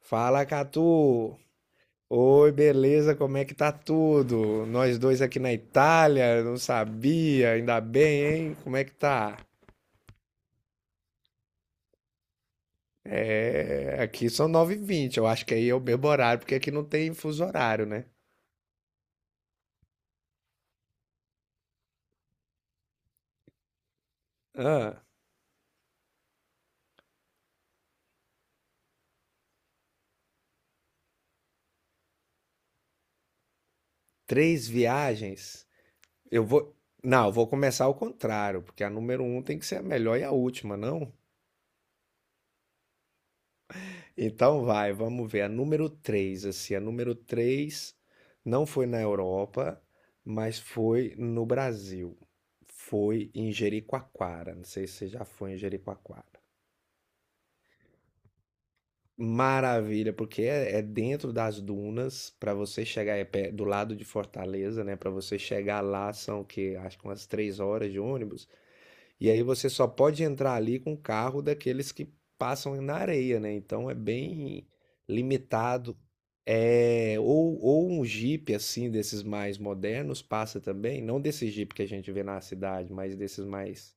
Fala, Catu! Oi, beleza? Como é que tá tudo? Nós dois aqui na Itália, não sabia, ainda bem, hein? Como é que tá? É, aqui são nove e vinte. Eu acho que aí é o mesmo horário, porque aqui não tem fuso horário, né? Ah, três viagens? Eu vou. Não, eu vou começar ao contrário, porque a número um tem que ser a melhor e a última, não? Então vai, vamos ver. A número 3, assim, a número 3 não foi na Europa, mas foi no Brasil. Foi em Jericoacoara. Não sei se você já foi em Jericoacoara. Maravilha, porque é dentro das dunas, para você chegar é do lado de Fortaleza, né? Para você chegar lá são o quê? Acho que umas três horas de ônibus. E aí você só pode entrar ali com o carro daqueles que passam na areia, né? Então é bem limitado. É, ou um Jeep assim, desses mais modernos, passa também, não desse Jeep que a gente vê na cidade, mas desses mais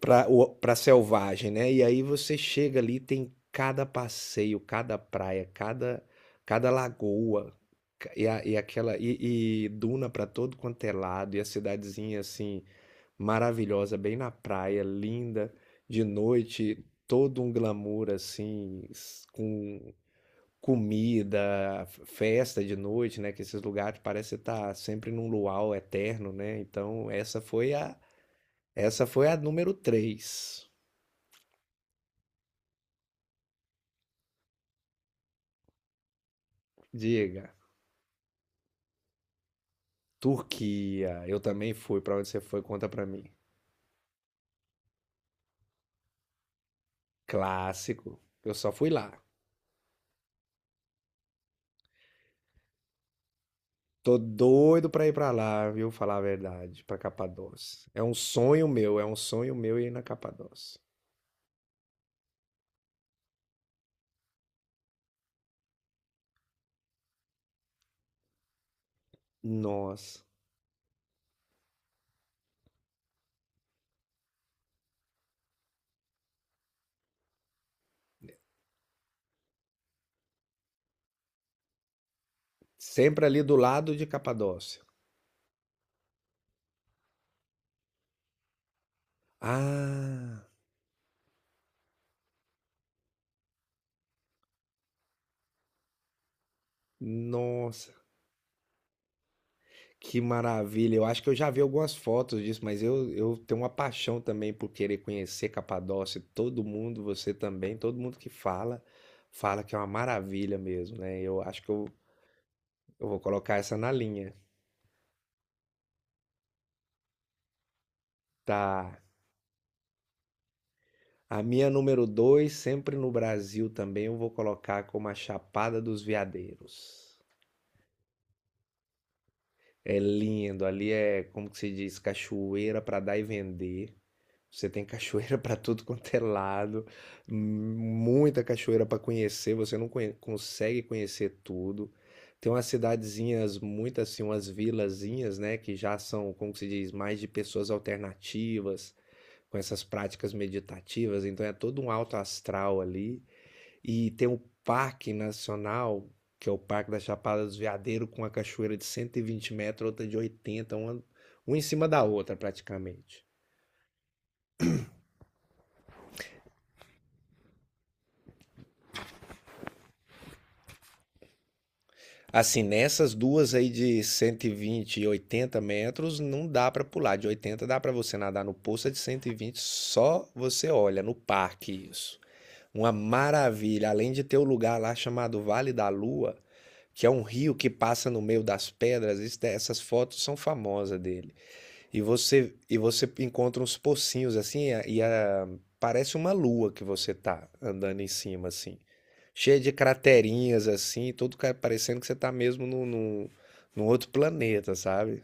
pra selvagem, né? E aí você chega ali, tem cada passeio, cada praia, cada lagoa, e duna pra todo quanto é lado, e a cidadezinha assim maravilhosa, bem na praia, linda, de noite, todo um glamour assim, com comida, festa de noite, né? Que esses lugares parece estar sempre num luau eterno, né? Então, essa foi a número três. Diga, Turquia. Eu também fui. Pra onde você foi? Conta pra mim. Clássico. Eu só fui lá. Tô doido pra ir pra lá, viu? Falar a verdade, pra Capadócia. É um sonho meu ir na Capadócia. Nossa, sempre ali do lado de Capadócia. Ah, nossa, que maravilha. Eu acho que eu já vi algumas fotos disso, mas eu tenho uma paixão também por querer conhecer Capadócia. Todo mundo, você também, todo mundo que fala, fala que é uma maravilha mesmo, né? Eu acho que eu vou colocar essa na linha. Tá. A minha número 2 sempre no Brasil também, eu vou colocar como a Chapada dos Veadeiros. É lindo, ali é, como que se diz, cachoeira para dar e vender. Você tem cachoeira para tudo quanto é lado, muita cachoeira para conhecer, você não consegue conhecer tudo. Tem umas cidadezinhas, muitas assim, umas vilazinhas, né, que já são, como que se diz, mais de pessoas alternativas, com essas práticas meditativas, então é todo um alto astral ali. E tem um parque nacional, que é o Parque da Chapada dos Veadeiros, com a cachoeira de 120 metros, outra de 80, uma em cima da outra praticamente. Assim, nessas duas aí de 120 e 80 metros, não dá pra pular. De 80 dá pra você nadar no poço, a de 120 só você olha no parque isso. Uma maravilha, além de ter o lugar lá chamado Vale da Lua, que é um rio que passa no meio das pedras, essas fotos são famosas dele. E você encontra uns pocinhos assim, parece uma lua que você tá andando em cima, assim. Cheia de craterinhas, assim, parecendo que você tá mesmo num outro planeta, sabe?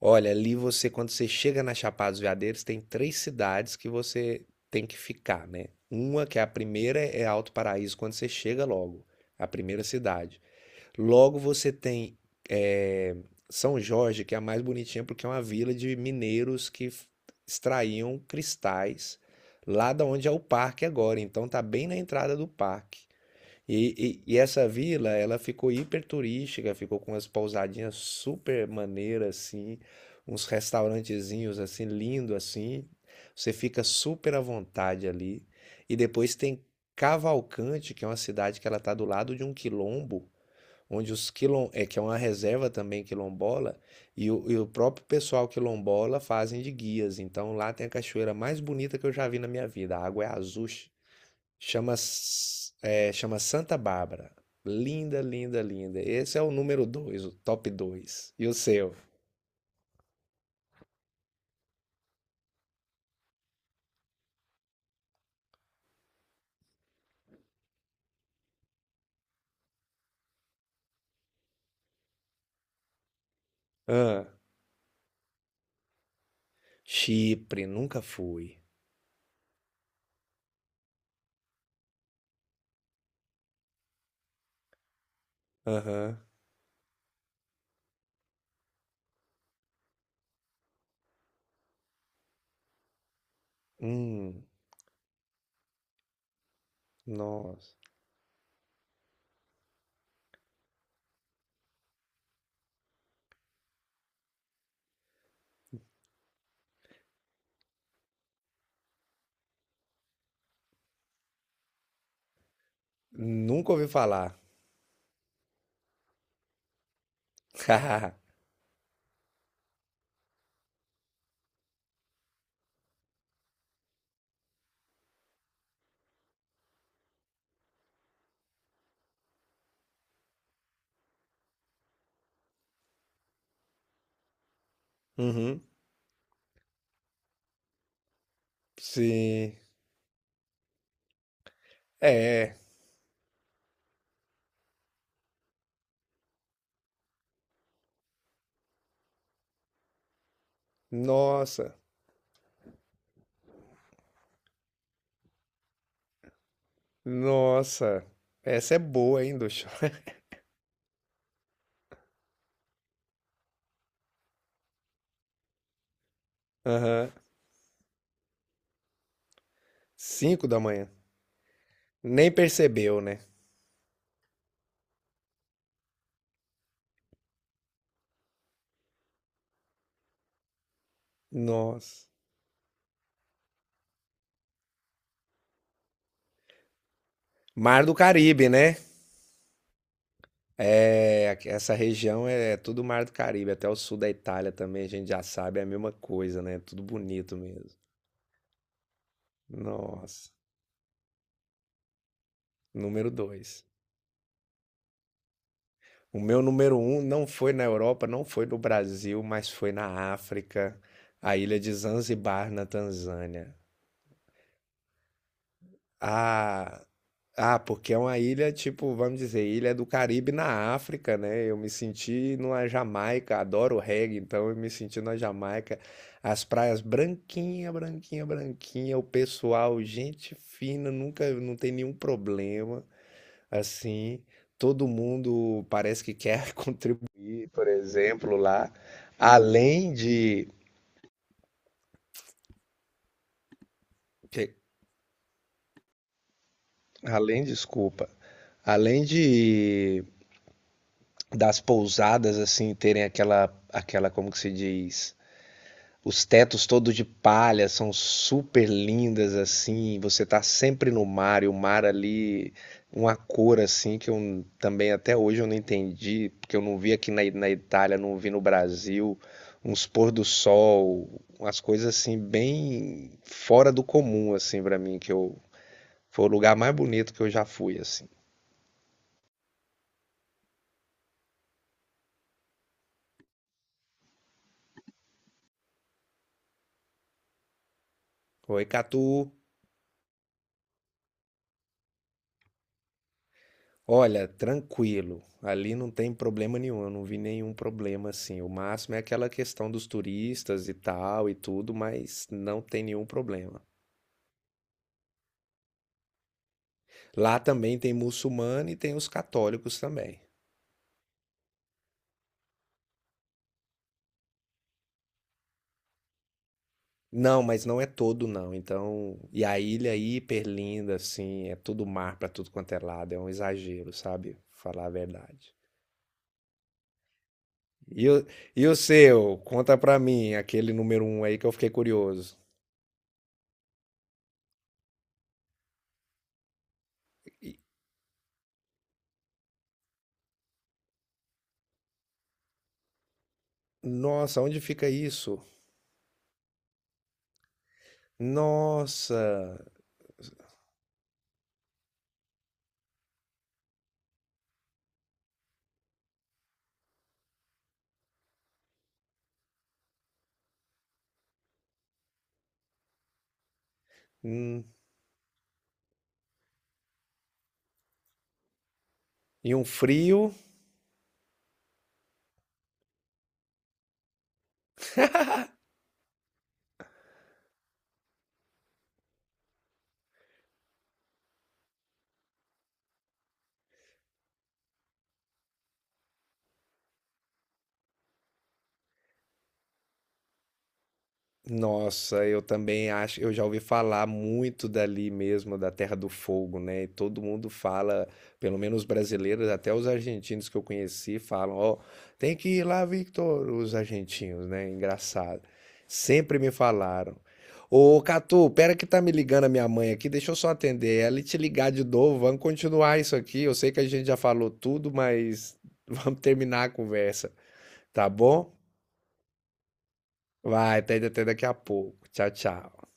Olha, ali você, quando você chega na Chapada dos Veadeiros, tem três cidades que você tem que ficar, né? Uma, que é a primeira, é Alto Paraíso, quando você chega logo, a primeira cidade. Logo você tem eh, São Jorge, que é a mais bonitinha porque é uma vila de mineiros que extraíam cristais lá da onde é o parque agora. Então tá bem na entrada do parque. E essa vila, ela ficou hiper turística, ficou com umas pousadinhas super maneiras assim, uns restaurantezinhos assim lindo assim. Você fica super à vontade ali. E depois tem Cavalcante, que é uma cidade que ela tá do lado de um quilombo onde que é uma reserva também quilombola, e o próprio pessoal quilombola fazem de guias. Então lá tem a cachoeira mais bonita que eu já vi na minha vida. A água é azul, chama, chama Santa Bárbara. Linda, linda, linda. Esse é o número dois, o top 2. E o seu? Ah, Chipre, nunca fui. Aham. Hum, nossa. Nunca ouvi falar. Haha. Uhum. Sim. É. Nossa. Nossa, essa é boa, hein, do chá. Aham. 5 da manhã. Nem percebeu, né? Nossa. Mar do Caribe, né? É, aqui- essa região é tudo Mar do Caribe, até o sul da Itália também, a gente já sabe, é a mesma coisa, né? Tudo bonito mesmo. Nossa. Número 2. O meu número um não foi na Europa, não foi no Brasil, mas foi na África, a ilha de Zanzibar, na Tanzânia. Ah, ah, porque é uma ilha, tipo, vamos dizer, ilha do Caribe na África, né? Eu me senti numa Jamaica, adoro reggae, então eu me senti na Jamaica. As praias branquinha, branquinha, branquinha, o pessoal, gente fina, nunca, não tem nenhum problema, assim. Todo mundo parece que quer contribuir, por exemplo, lá. Além de, que- além, desculpa, além de das pousadas assim terem aquela como que se diz, os tetos todos de palha, são super lindas assim, você tá sempre no mar, e o mar ali uma cor assim que eu também até hoje eu não entendi, porque eu não vi aqui na Itália, não vi no Brasil, uns pôr do sol, umas coisas assim bem fora do comum, assim, para mim, que eu foi o lugar mais bonito que eu já fui assim. Oi, Catu. Olha, tranquilo. Ali não tem problema nenhum, eu não vi nenhum problema assim. O máximo é aquela questão dos turistas e tal e tudo, mas não tem nenhum problema. Lá também tem muçulmano e tem os católicos também. Não, mas não é todo não. Então, e a ilha é hiper linda assim, é tudo mar pra tudo quanto é lado, é um exagero, sabe? Falar a verdade. E o, e o seu? Conta pra mim, aquele número um aí que eu fiquei curioso. E- Nossa, onde fica isso? Nossa! Hum. E um frio? Nossa, eu também acho, eu já ouvi falar muito dali mesmo, da Terra do Fogo, né? E todo mundo fala, pelo menos os brasileiros, até os argentinos que eu conheci falam, ó, tem que ir lá, Victor, os argentinos, né? Engraçado. Sempre me falaram. Ô, Catu, pera que tá me ligando a minha mãe aqui, deixa eu só atender ela e te ligar de novo, vamos continuar isso aqui. Eu sei que a gente já falou tudo, mas vamos terminar a conversa. Tá bom? Vai, até, até daqui a pouco. Tchau, tchau.